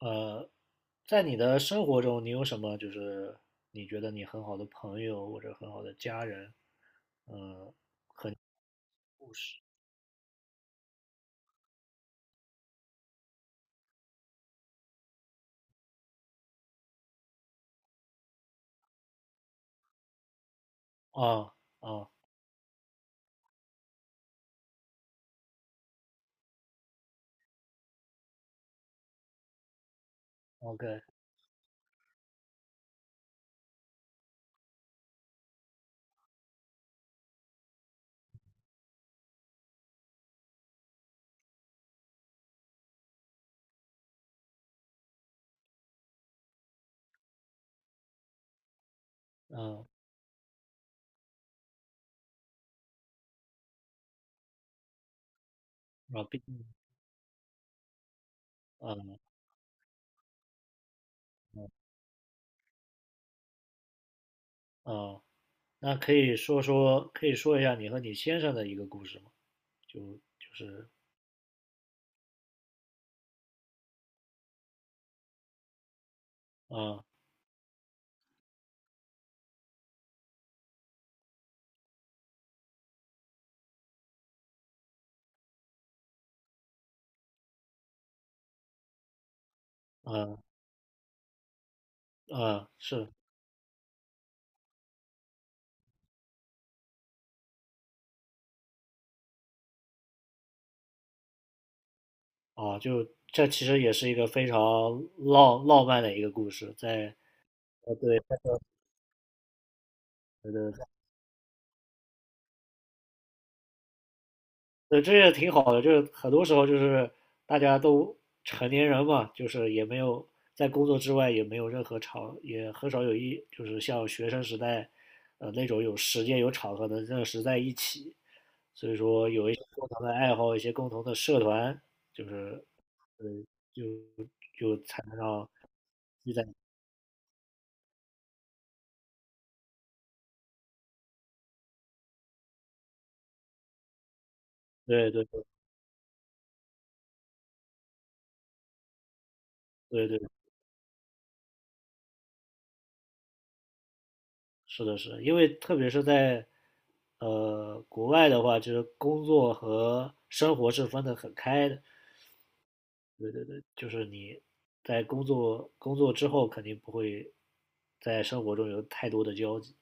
呃，在你的生活中，你有什么你觉得你很好的朋友或者很好的家人？嗯，故事啊。啊，OK，嗯。啊，毕竟，嗯。嗯嗯，那可以说说，可以说一下你和你先生的一个故事吗？就就是嗯。嗯嗯，是啊，就这其实也是一个非常浪漫的一个故事，对对。这也挺好的，就是很多时候就是大家都成年人嘛，就是也没有在工作之外也没有任何场，也很少有就是像学生时代，那种有时间有场合能认识在一起，所以说有一些共同的爱好，一些共同的社团，就是呃就就才能让聚在。对对对对对。是的，是的，因为特别是在国外的话，就是工作和生活是分得很开的，就是你在工作之后，肯定不会在生活中有太多的交集。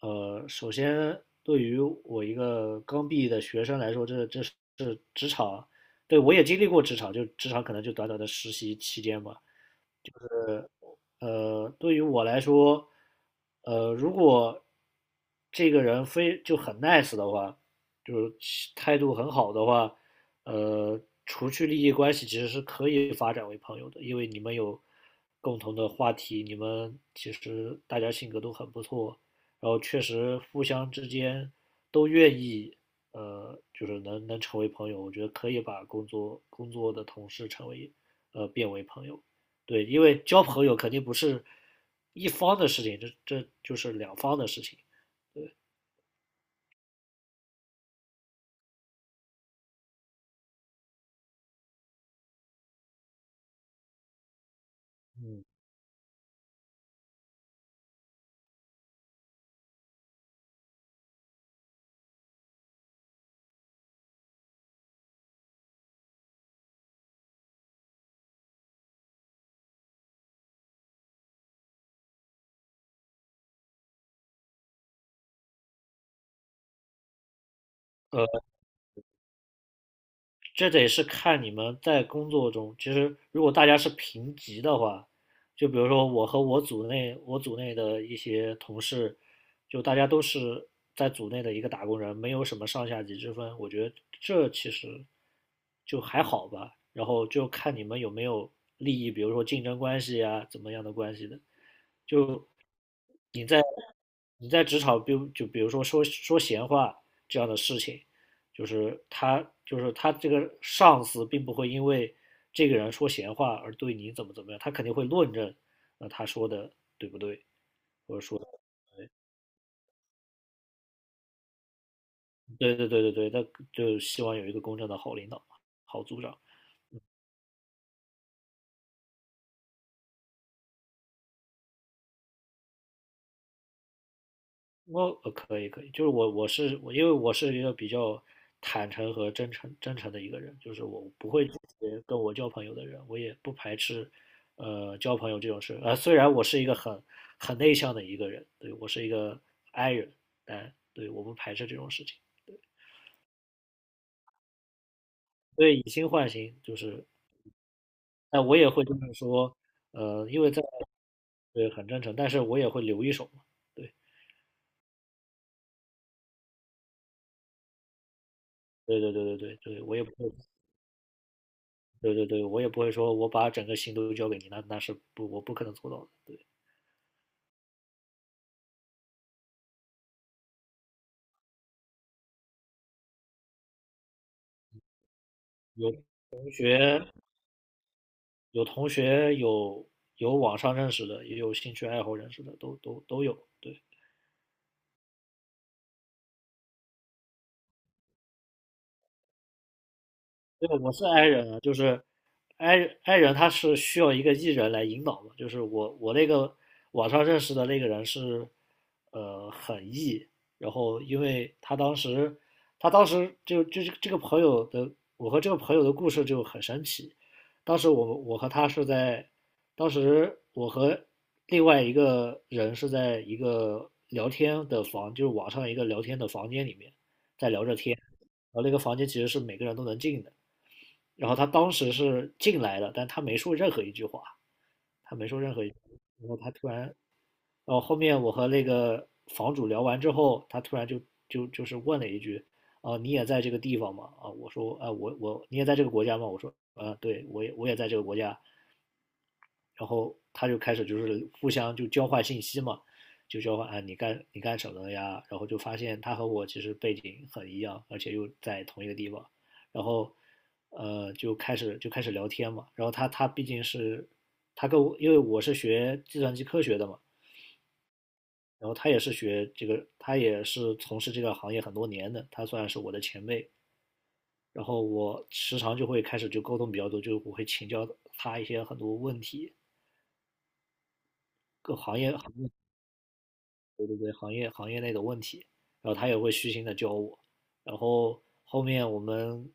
首先对于我一个刚毕业的学生来说，这是职场，对，我也经历过职场，就职场可能就短短的实习期间吧。对于我来说，如果这个人非就很 nice 的话，就是态度很好的话，除去利益关系，其实是可以发展为朋友的，因为你们有共同的话题，你们其实大家性格都很不错，然后确实互相之间都愿意，就是能成为朋友，我觉得可以把工作的同事成为，变为朋友。对，因为交朋友肯定不是一方的事情，这就是两方的事情。嗯。呃，这得是看你们在工作中，其实如果大家是平级的话，就比如说我和我组内的一些同事，就大家都是在组内的一个打工人，没有什么上下级之分，我觉得这其实就还好吧。然后就看你们有没有利益，比如说竞争关系呀、怎么样的关系的。就你在你在职场，就比如说说闲话这样的事情，就是他就是他这个上司并不会因为这个人说闲话而对你怎么怎么样，他肯定会论证，他说的对不对，或者说，对对对对对，那就希望有一个公正的好领导嘛，好组长。我可以可以，就是我我是我，因为我是一个比较坦诚和真诚的一个人，就是我不会拒绝跟我交朋友的人，我也不排斥交朋友这种事。呃，虽然我是一个很内向的一个人，对，我是一个 I 人，但对，我不排斥这种事情。所以以心换心，但我也会就是说，呃，因为在对，很真诚，但是我也会留一手嘛。对对对对对对对，我也不会。对对对，我也不会说我把整个心都交给你，那那是不我不可能做到的。对，有同学有同学有有网上认识的，也有兴趣爱好认识的，都有。对。对，我是 i 人啊，就是 i i 人，他是需要一个 e 人来引导的。就是我那个网上认识的那个人是，很 e，然后因为他当时就是这个朋友的，我和这个朋友的故事就很神奇。当时我和他是在，当时我和另外一个人是在一个聊天的房，就是网上一个聊天的房间里面在聊着天。然后那个房间其实是每个人都能进的，然后他当时是进来的，但他没说任何一句话，他没说任何一句话然后他突然，然后后面我和那个房主聊完之后，他突然就是问了一句：“啊，你也在这个地方吗？”啊，我说：“啊，我,你也在这个国家吗？”我说：“啊，对，我也在这个国家。”然后他就开始就是互相就交换信息嘛，就交换啊你你干什么的呀？然后就发现他和我其实背景很一样，而且又在同一个地方，然后就开始聊天嘛。然后他他毕竟是他跟我，因为我是学计算机科学的嘛，然后他也是学这个，他也是从事这个行业很多年的，他算是我的前辈。然后我时常就会开始就沟通比较多，就我会请教他一些很多问题，行业。对对对，行业内的问题，然后他也会虚心的教我，然后后面我们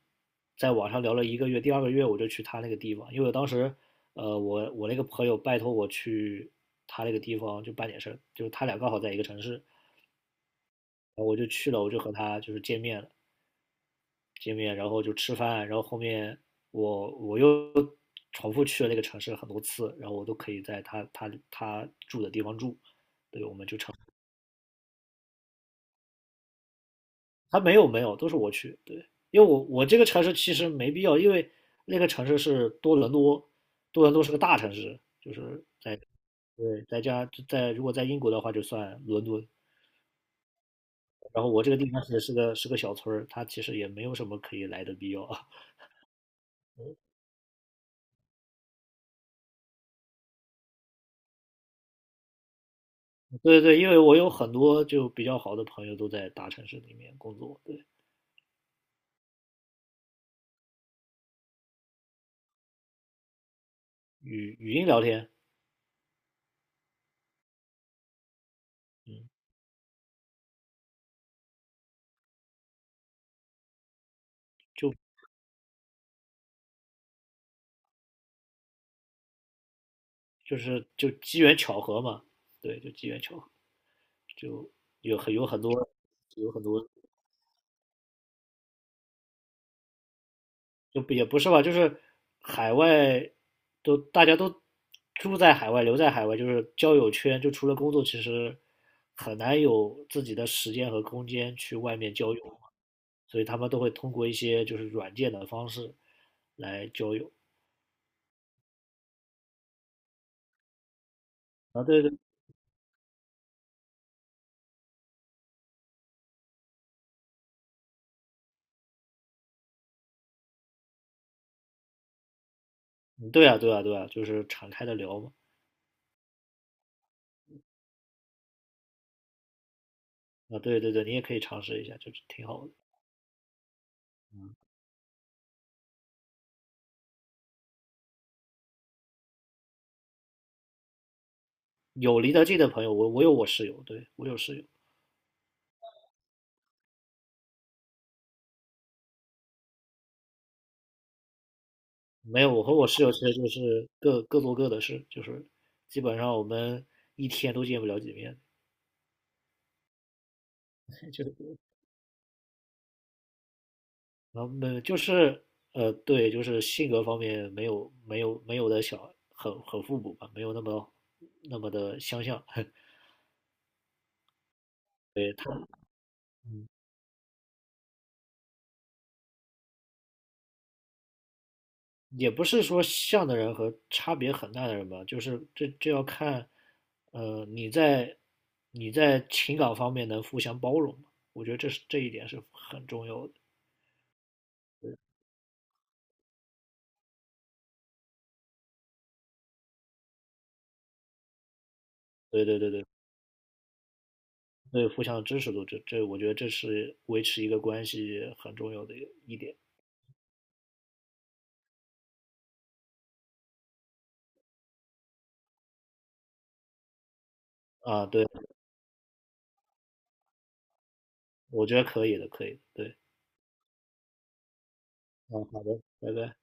在网上聊了一个月，第二个月我就去他那个地方，因为我当时，我那个朋友拜托我去他那个地方就办点事，就是他俩刚好在一个城市，然后我就去了，和他就是见面了，见面然后就吃饭，然后后面我又重复去了那个城市很多次，然后我都可以在他住的地方住，对，我们就成。他没有没有，都是我去。对，因为我这个城市其实没必要，因为那个城市是多伦多，多伦多是个大城市，就是在对，在如果在英国的话就算伦敦。然后我这个地方其实是个小村儿，它其实也没有什么可以来的必要啊。对对，因为我有很多就比较好的朋友都在大城市里面工作，对。语音聊天。嗯。就就机缘巧合嘛，对，就机缘巧合，就有很有很多有很多。就也不是吧，就是海外都大家住在海外，留在海外，就是交友圈，就除了工作，其实很难有自己的时间和空间去外面交友，所以他们都会通过一些就是软件的方式来交友。啊，对对。嗯，对啊，对啊，对啊，就是敞开的聊嘛。啊，对对对，你也可以尝试一下，就是挺好的。有离得近的朋友，有我室友，对，我有室友。没有，我和我室友其实就是各做各的事，就是基本上我们一天都见不了几面，就是没对，就是性格方面没有的小很互补吧，没有那么的相像。对他，嗯，也不是说像的人和差别很大的人吧，就是这要看，呃，你在你在情感方面能互相包容吗？我觉得这一点是很重要的。对对对对。对，互相的支持度，这我觉得这是维持一个关系很重要的一点啊。对，我觉得可以的，可以的，对。嗯，好的，拜拜。